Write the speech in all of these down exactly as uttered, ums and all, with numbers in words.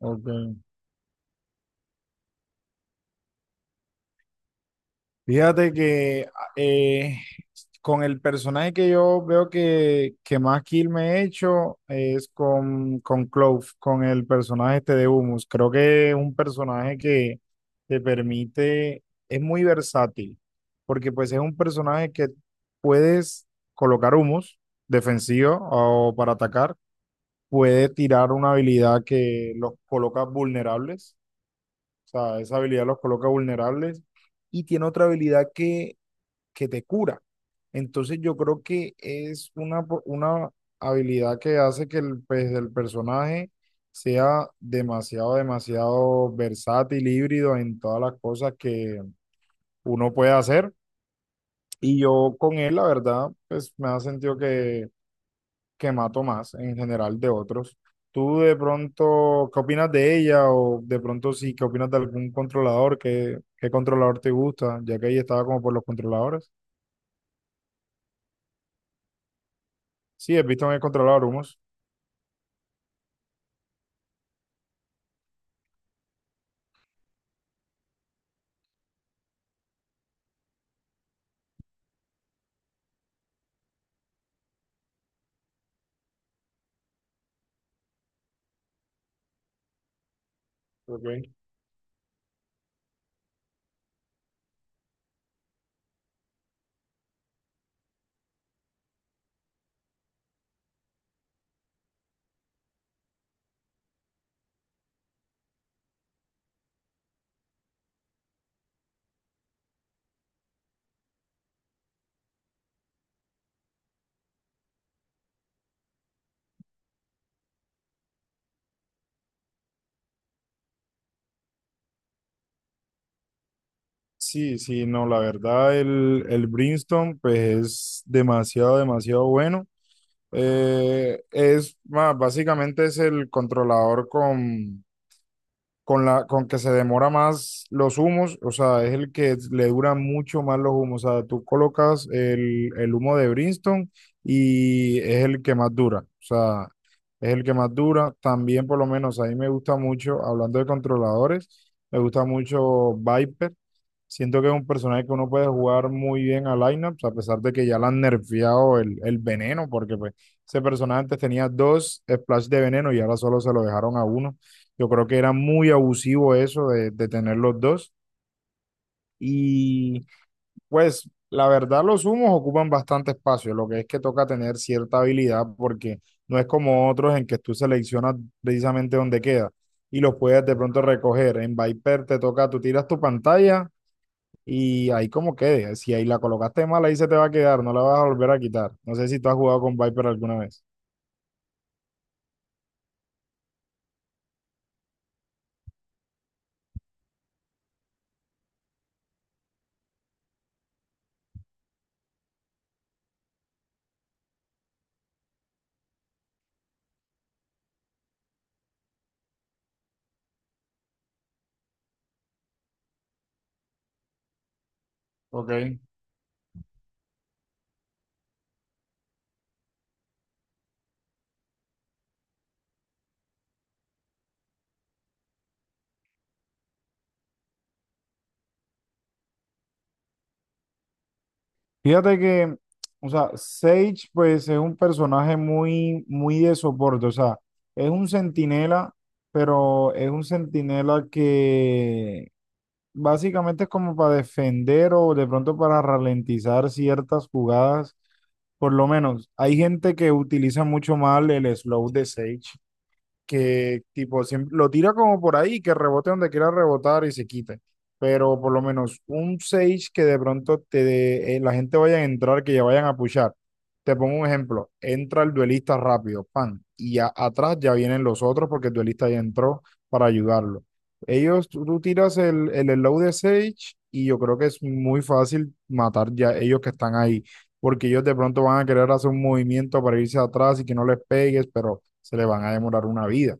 Ok. Fíjate que eh, con el personaje que yo veo que, que más kill me he hecho es con, con Clove, con el personaje este de Humus. Creo que es un personaje que te permite, es muy versátil, porque pues es un personaje que puedes colocar Humus defensivo o para atacar, puede tirar una habilidad que los coloca vulnerables. O sea, esa habilidad los coloca vulnerables y tiene otra habilidad que, que te cura. Entonces yo creo que es una, po- una habilidad que hace que el, pues, el personaje sea demasiado, demasiado versátil, híbrido en todas las cosas que uno puede hacer. Y yo con él, la verdad, pues me ha sentido que que mato más en general de otros. ¿Tú de pronto qué opinas de ella o de pronto sí, qué opinas de algún controlador? ¿Qué, qué controlador te gusta? Ya que ahí estaba como por los controladores. Sí, he visto en el controlador humos. Ok. Sí, sí, no, la verdad el, el Brimstone pues es demasiado, demasiado bueno. Eh, es más, básicamente es el controlador con con la con que se demora más los humos, o sea, es el que le dura mucho más los humos. O sea, tú colocas el, el humo de Brimstone y es el que más dura. O sea, es el que más dura. También, por lo menos, a mí me gusta mucho, hablando de controladores, me gusta mucho Viper. Siento que es un personaje que uno puede jugar muy bien a lineups, a pesar de que ya le han nerfeado el, el veneno, porque pues ese personaje antes tenía dos splash de veneno y ahora solo se lo dejaron a uno. Yo creo que era muy abusivo eso de, de tener los dos. Y pues la verdad los humos ocupan bastante espacio, lo que es que toca tener cierta habilidad porque no es como otros en que tú seleccionas precisamente dónde queda y los puedes de pronto recoger. En Viper te toca, tú tiras tu pantalla y ahí como quede. Si ahí la colocaste mal, ahí se te va a quedar, no la vas a volver a quitar. No sé si tú has jugado con Viper alguna vez. Ok. Fíjate que, o sea, Sage pues es un personaje muy, muy de soporte, o sea, es un centinela, pero es un centinela que básicamente es como para defender o de pronto para ralentizar ciertas jugadas, por lo menos. Hay gente que utiliza mucho mal el slow de Sage, que tipo siempre, lo tira como por ahí, que rebote donde quiera rebotar y se quite. Pero por lo menos un seis que de pronto te de- eh, la gente vaya a entrar, que ya vayan a pushar. Te pongo un ejemplo, entra el duelista rápido, pan, y ya atrás ya vienen los otros porque el duelista ya entró para ayudarlo. Ellos, tú, tú tiras el, el slow de Sage y yo creo que es muy fácil matar ya ellos que están ahí, porque ellos de pronto van a querer hacer un movimiento para irse atrás y que no les pegues, pero se le van a demorar una vida.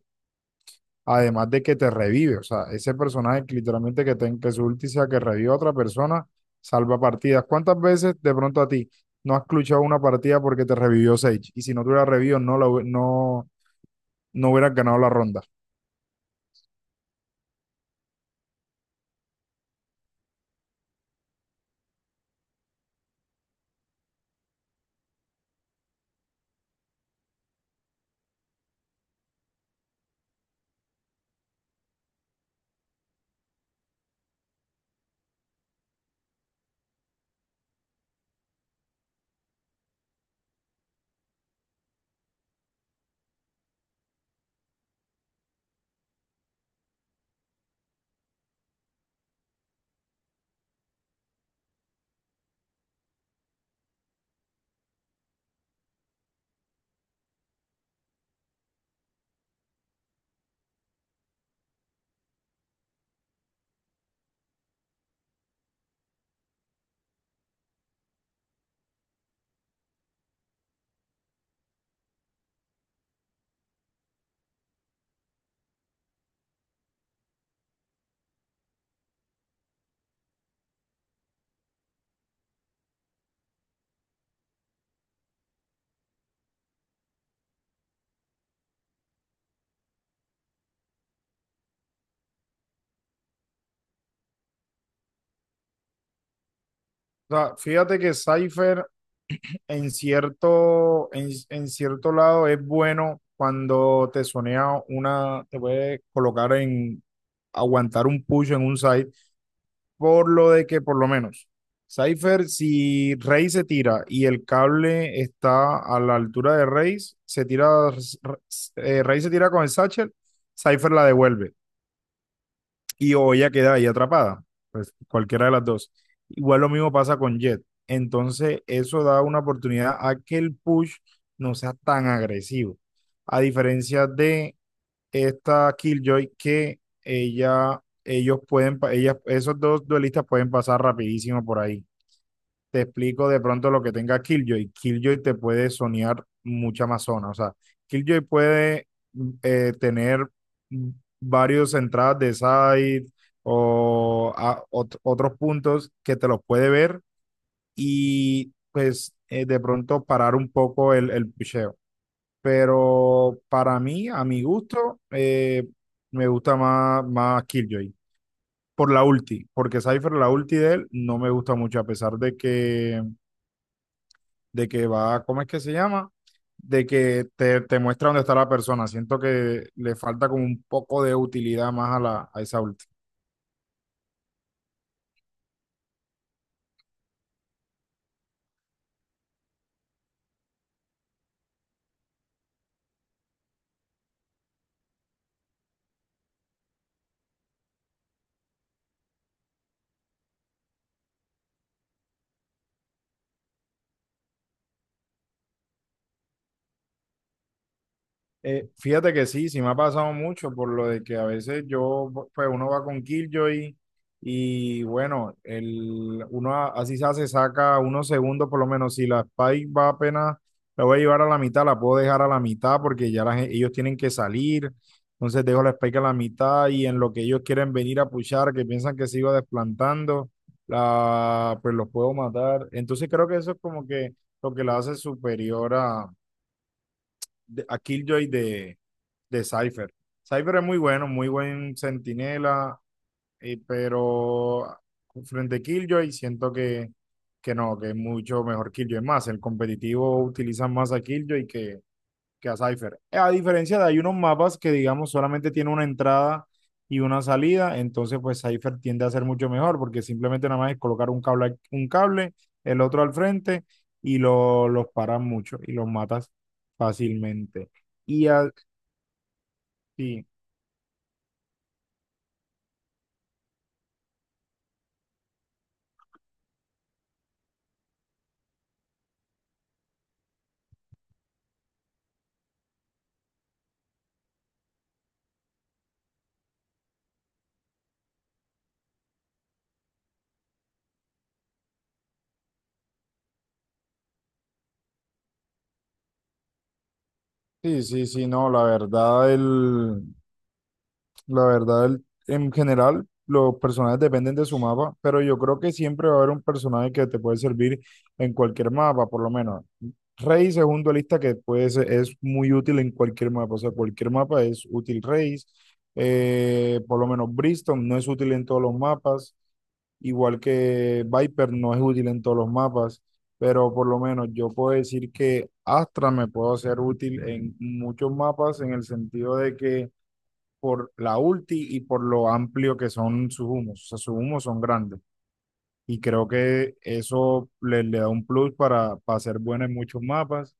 Además de que te revive, o sea, ese personaje que literalmente que, te, que su ulti sea que revive a otra persona, salva partidas. ¿Cuántas veces de pronto a ti no has clutchado una partida porque te revivió Sage? Y si no tuviera revivido, no, la hu- no, no hubieras ganado la ronda. O sea, fíjate que Cypher en cierto, en, en cierto lado es bueno cuando te sonea una, te puede colocar en aguantar un push en un site por lo de que por lo menos Cypher, si Rey se tira y el cable está a la altura de Rey, se tira, eh, Rey se tira con el satchel, Cypher la devuelve y o ella queda ahí atrapada, pues cualquiera de las dos. Igual lo mismo pasa con Jet. Entonces eso da una oportunidad a que el push no sea tan agresivo. A diferencia de esta Killjoy que ella, ellos pueden, pa- ellas, esos dos duelistas pueden pasar rapidísimo por ahí. Te explico de pronto lo que tenga Killjoy. Killjoy te puede sonear mucha más zona. O sea, Killjoy puede eh, tener varios entradas de side o a- ot- otros puntos que te los puede ver y pues eh, de pronto parar un poco el, el pusheo. Pero para mí, a mi gusto, eh, me gusta más, más Killjoy por la ulti, porque Cypher, la ulti de él, no me gusta mucho, a pesar de que, de que va, ¿cómo es que se llama? De que te, te muestra dónde está la persona. Siento que le falta como un poco de utilidad más a, la, a esa ulti. Eh, fíjate que sí, sí me ha pasado mucho por lo de que a veces yo, pues uno va con Killjoy y bueno, el, uno a- así se hace, saca unos segundos por lo menos. Si la Spike va apenas, la voy a llevar a la mitad, la puedo dejar a la mitad porque ya la gen- ellos tienen que salir. Entonces dejo la Spike a la mitad y en lo que ellos quieren venir a pushar, que piensan que se iba desplantando, la, pues los puedo matar. Entonces creo que eso es como que lo que la hace superior de- a Killjoy de, de Cypher. Cypher es muy bueno, muy buen centinela, eh, pero frente a Killjoy siento que, que no, que es mucho mejor Killjoy. Es más, el competitivo utiliza más a Killjoy que, que a Cypher. A diferencia de hay unos mapas que, digamos, solamente tiene una entrada y una salida, entonces pues Cypher tiende a ser mucho mejor porque simplemente nada más es colocar un cable, un cable el otro al frente y lo, los paras mucho y los matas fácilmente. Y así, sí, sí, sí, sí, no, la verdad, el, la verdad, el- en general, los personajes dependen de su mapa, pero yo creo que siempre va a haber un personaje que te puede servir en cualquier mapa, por lo menos. Raze es un duelista que puede ser, es muy útil en cualquier mapa, o sea, cualquier mapa es útil Raze. Eh, por lo menos Briston no es útil en todos los mapas, igual que Viper no es útil en todos los mapas, pero por lo menos yo puedo decir que Astra me puedo ser útil en muchos mapas en el sentido de que por la ulti y por lo amplio que son sus humos. O sea, sus humos son grandes. Y creo que eso le, le da un plus para, para ser bueno en muchos mapas.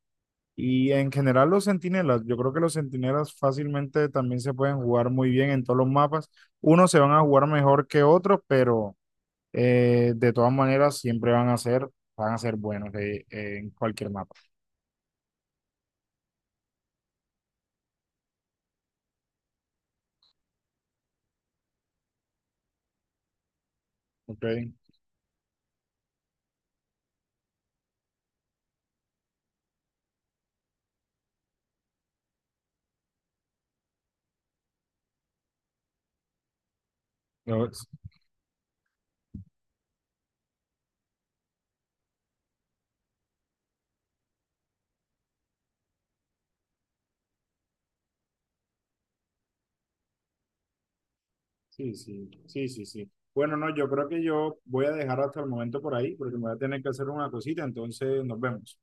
Y en general los centinelas, yo creo que los centinelas fácilmente también se pueden jugar muy bien en todos los mapas. Unos se van a jugar mejor que otros, pero eh, de todas maneras siempre van a ser, van a ser buenos eh, eh, en cualquier mapa. ¿Ok? Yo- Sí, sí, sí, sí, sí. Bueno, no, yo creo que yo voy a dejar hasta el momento por ahí porque me voy a tener que hacer una cosita, entonces nos vemos.